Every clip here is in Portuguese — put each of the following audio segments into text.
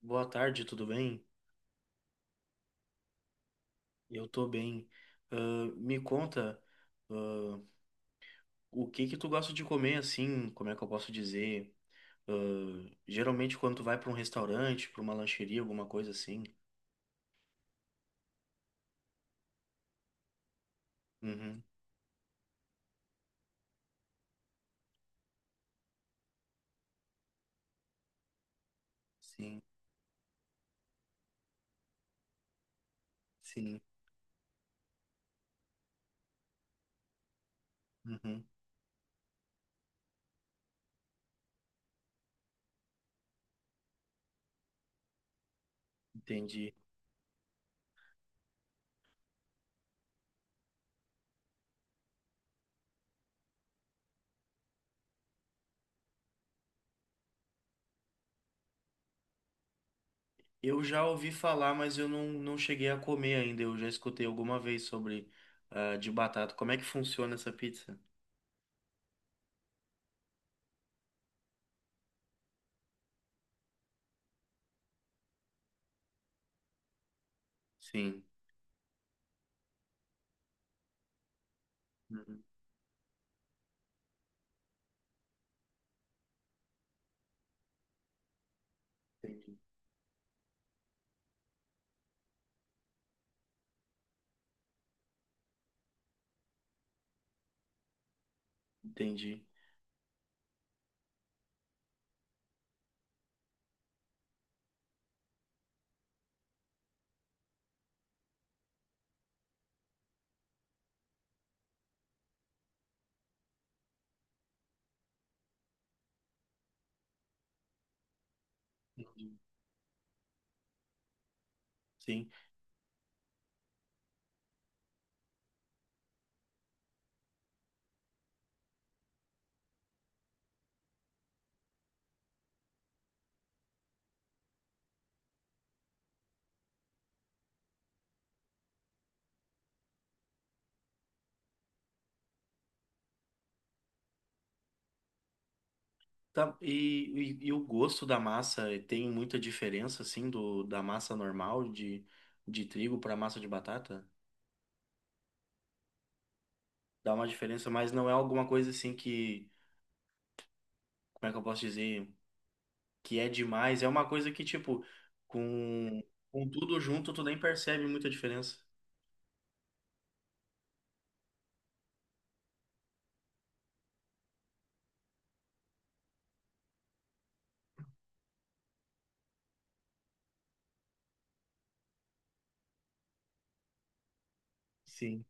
Boa tarde, tudo bem? Eu tô bem. Ah, me conta, ah, o que que tu gosta de comer assim? Como é que eu posso dizer? Ah, geralmente quando tu vai pra um restaurante, pra uma lancheria, alguma coisa assim. Uhum, sim, sim. Uhum, entendi. Eu já ouvi falar, mas eu não, não cheguei a comer ainda. Eu já escutei alguma vez sobre de batata. Como é que funciona essa pizza? Sim. Uhum, entendi. Entendi. Entendi. Sim. Tá, e, e o gosto da massa, tem muita diferença, assim, da massa normal de trigo para massa de batata? Dá uma diferença, mas não é alguma coisa assim que, como é que eu posso dizer, que é demais. É uma coisa que, tipo, com, com tudo junto, tu nem percebe muita diferença. Sim.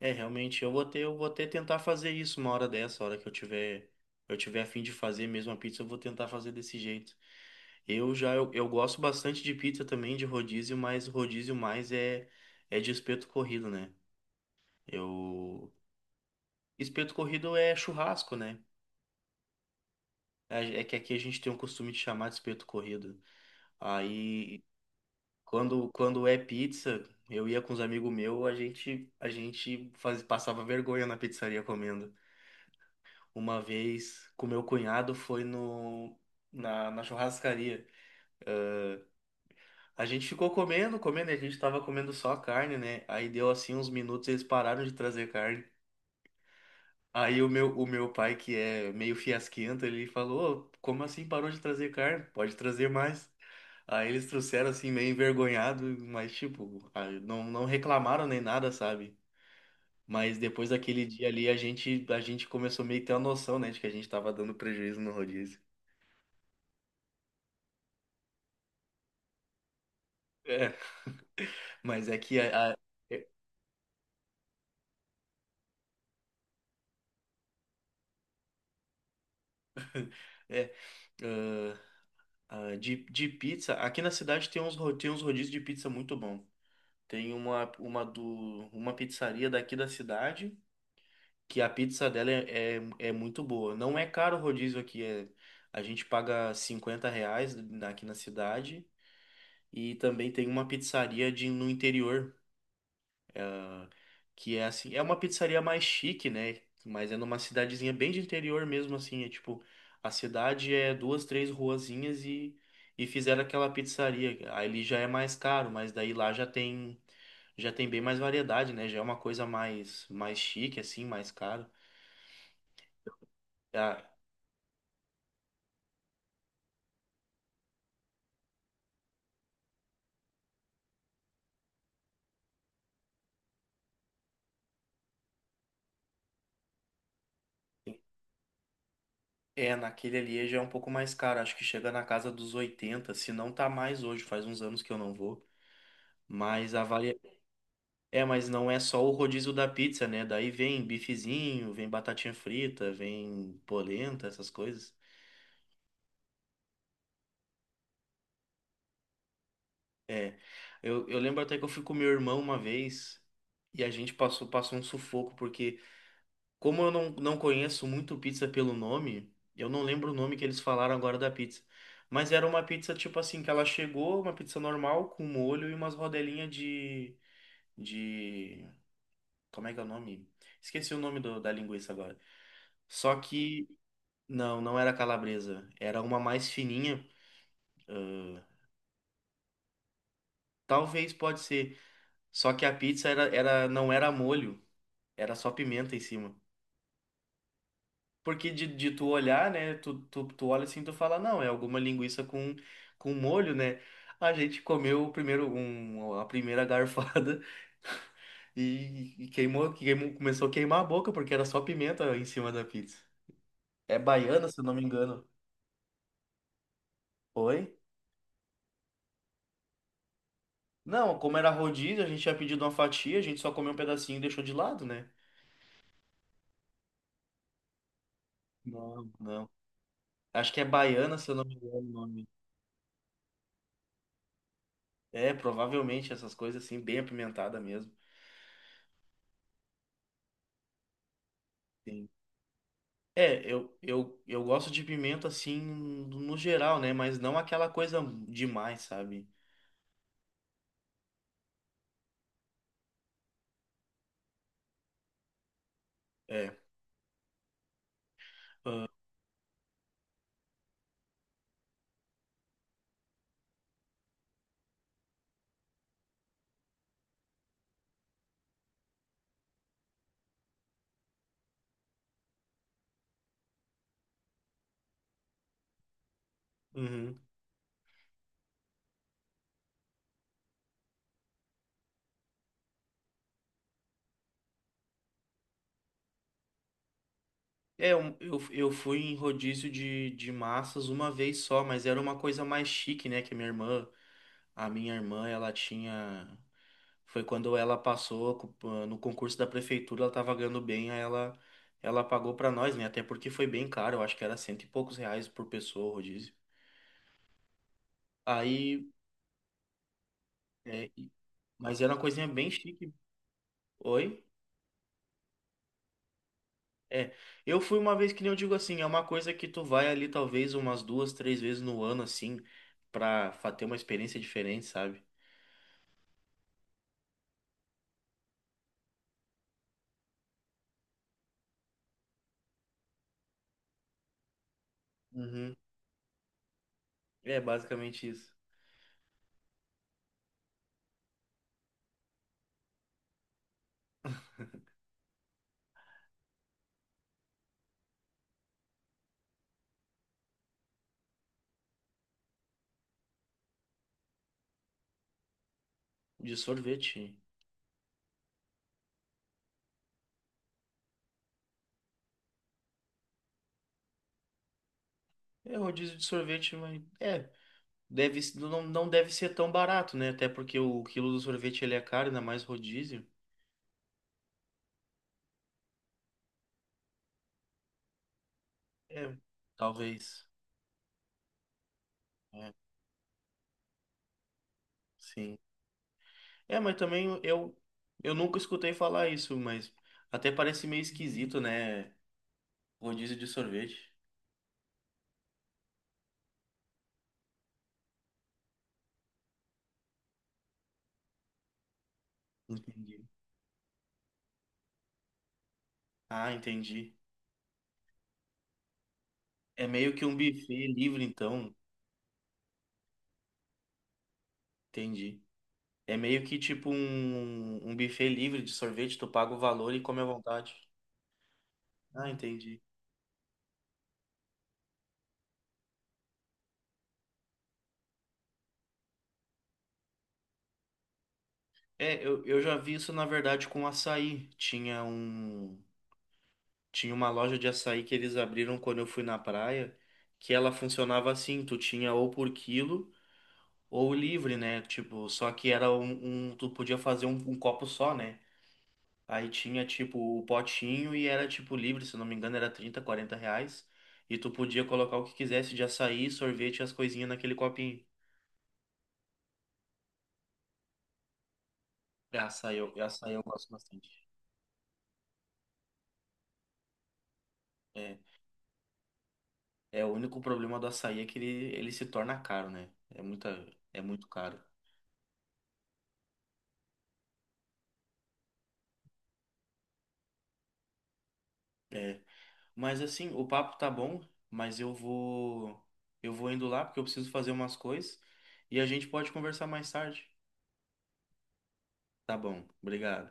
É, realmente, eu vou até tentar fazer isso uma hora dessa, a hora que eu tiver a fim de fazer mesmo a pizza, eu vou tentar fazer desse jeito. Eu gosto bastante de pizza também, de rodízio, mas rodízio mais é de espeto corrido, né? Eu... Espeto corrido é churrasco, né? É que aqui a gente tem o costume de chamar de espeto corrido. Aí, quando é pizza, eu ia com os amigos meus, passava vergonha na pizzaria comendo. Uma vez com meu cunhado foi no, na, na churrascaria. A gente ficou comendo, comendo, e a gente tava comendo só carne, né? Aí deu assim uns minutos, eles pararam de trazer carne. Aí o meu pai, que é meio fiasquento, ele falou: "Ô, como assim parou de trazer carne? Pode trazer mais." Aí eles trouxeram assim, meio envergonhado, mas tipo, aí não, não reclamaram nem nada, sabe? Mas depois daquele dia ali, a gente começou meio que ter uma noção, né, de que a gente tava dando prejuízo no rodízio. É, mas é que é, é, ah, de pizza, aqui na cidade tem tem uns rodízios de pizza muito bom. Tem uma pizzaria daqui da cidade que a pizza dela é muito boa. Não é caro o rodízio aqui, a gente paga R$ 50 aqui na cidade. E também tem uma pizzaria de, no interior. Que é assim, é uma pizzaria mais chique, né? Mas é numa cidadezinha bem de interior mesmo, assim. É tipo, a cidade é duas, três ruazinhas e fizeram aquela pizzaria. Aí ele já é mais caro, mas daí lá já tem bem mais variedade, né? Já é uma coisa mais chique, assim, mais caro. Ah, é, naquele ali já é um pouco mais caro. Acho que chega na casa dos 80, se não tá mais hoje, faz uns anos que eu não vou. Mas a, vari... É, mas não é só o rodízio da pizza, né? Daí vem bifezinho, vem batatinha frita, vem polenta, essas coisas. É, eu lembro até que eu fui com meu irmão uma vez e a gente passou um sufoco, porque como eu não, não conheço muito pizza pelo nome, eu não lembro o nome que eles falaram agora da pizza. Mas era uma pizza tipo assim, que ela chegou, uma pizza normal, com molho e umas rodelinhas de... Como é que é o nome? Esqueci o nome da linguiça agora. Só que... Não, não era calabresa. Era uma mais fininha. Talvez pode ser. Só que a pizza não era molho, era só pimenta em cima. Porque de tu olhar, né? Tu olha assim, e tu fala, não, é alguma linguiça com molho, né? A gente comeu a primeira garfada e queimou, queimou, começou a queimar a boca, porque era só pimenta em cima da pizza. É baiana, se eu não me engano. Oi? Não, como era rodízio, a gente tinha pedido uma fatia, a gente só comeu um pedacinho e deixou de lado, né? Não, não. Acho que é baiana, se eu não me engano o nome. É, provavelmente essas coisas assim, bem apimentada mesmo. Sim. É, eu gosto de pimenta assim, no geral, né? Mas não aquela coisa demais, sabe? É. Uhum. É, eu fui em rodízio de massas uma vez só, mas era uma coisa mais chique, né? Que a minha irmã, ela tinha. Foi quando ela passou no concurso da prefeitura, ela tava ganhando bem, aí ela pagou pra nós, né? Até porque foi bem caro, eu acho que era cento e poucos reais por pessoa o rodízio. Aí, é, e- mas era uma coisinha bem chique. Oi? É, eu fui uma vez que nem eu digo assim, é uma coisa que tu vai ali talvez umas duas, três vezes no ano, assim, ter uma experiência diferente, sabe? Uhum. É basicamente isso. De sorvete. É rodízio de sorvete, mas. É. Deve, não, não deve ser tão barato, né? Até porque o quilo do sorvete ele é caro, ainda mais rodízio. É, talvez. É, sim. É, mas também eu nunca escutei falar isso, mas até parece meio esquisito, né? Rodízio de sorvete. Entendi. Ah, entendi. É meio que um buffet livre, então. Entendi. É meio que tipo um buffet livre de sorvete, tu paga o valor e come à vontade. Ah, entendi. É, eu já vi isso, na verdade, com açaí. Tinha um. Tinha uma loja de açaí que eles abriram quando eu fui na praia, que ela funcionava assim, tu tinha ou por quilo ou livre, né? Tipo, só que tu podia fazer um copo só, né? Aí tinha tipo o potinho e era tipo livre, se não me engano, era R$ 30, R$ 40. E tu podia colocar o que quisesse de açaí, sorvete e as coisinhas naquele copinho. É, açaí, açaí eu gosto bastante. É, é o único problema do açaí é que ele se torna caro, né? É é muito caro. É. Mas assim, o papo tá bom, mas eu vou indo lá porque eu preciso fazer umas coisas e a gente pode conversar mais tarde. Tá bom, obrigado.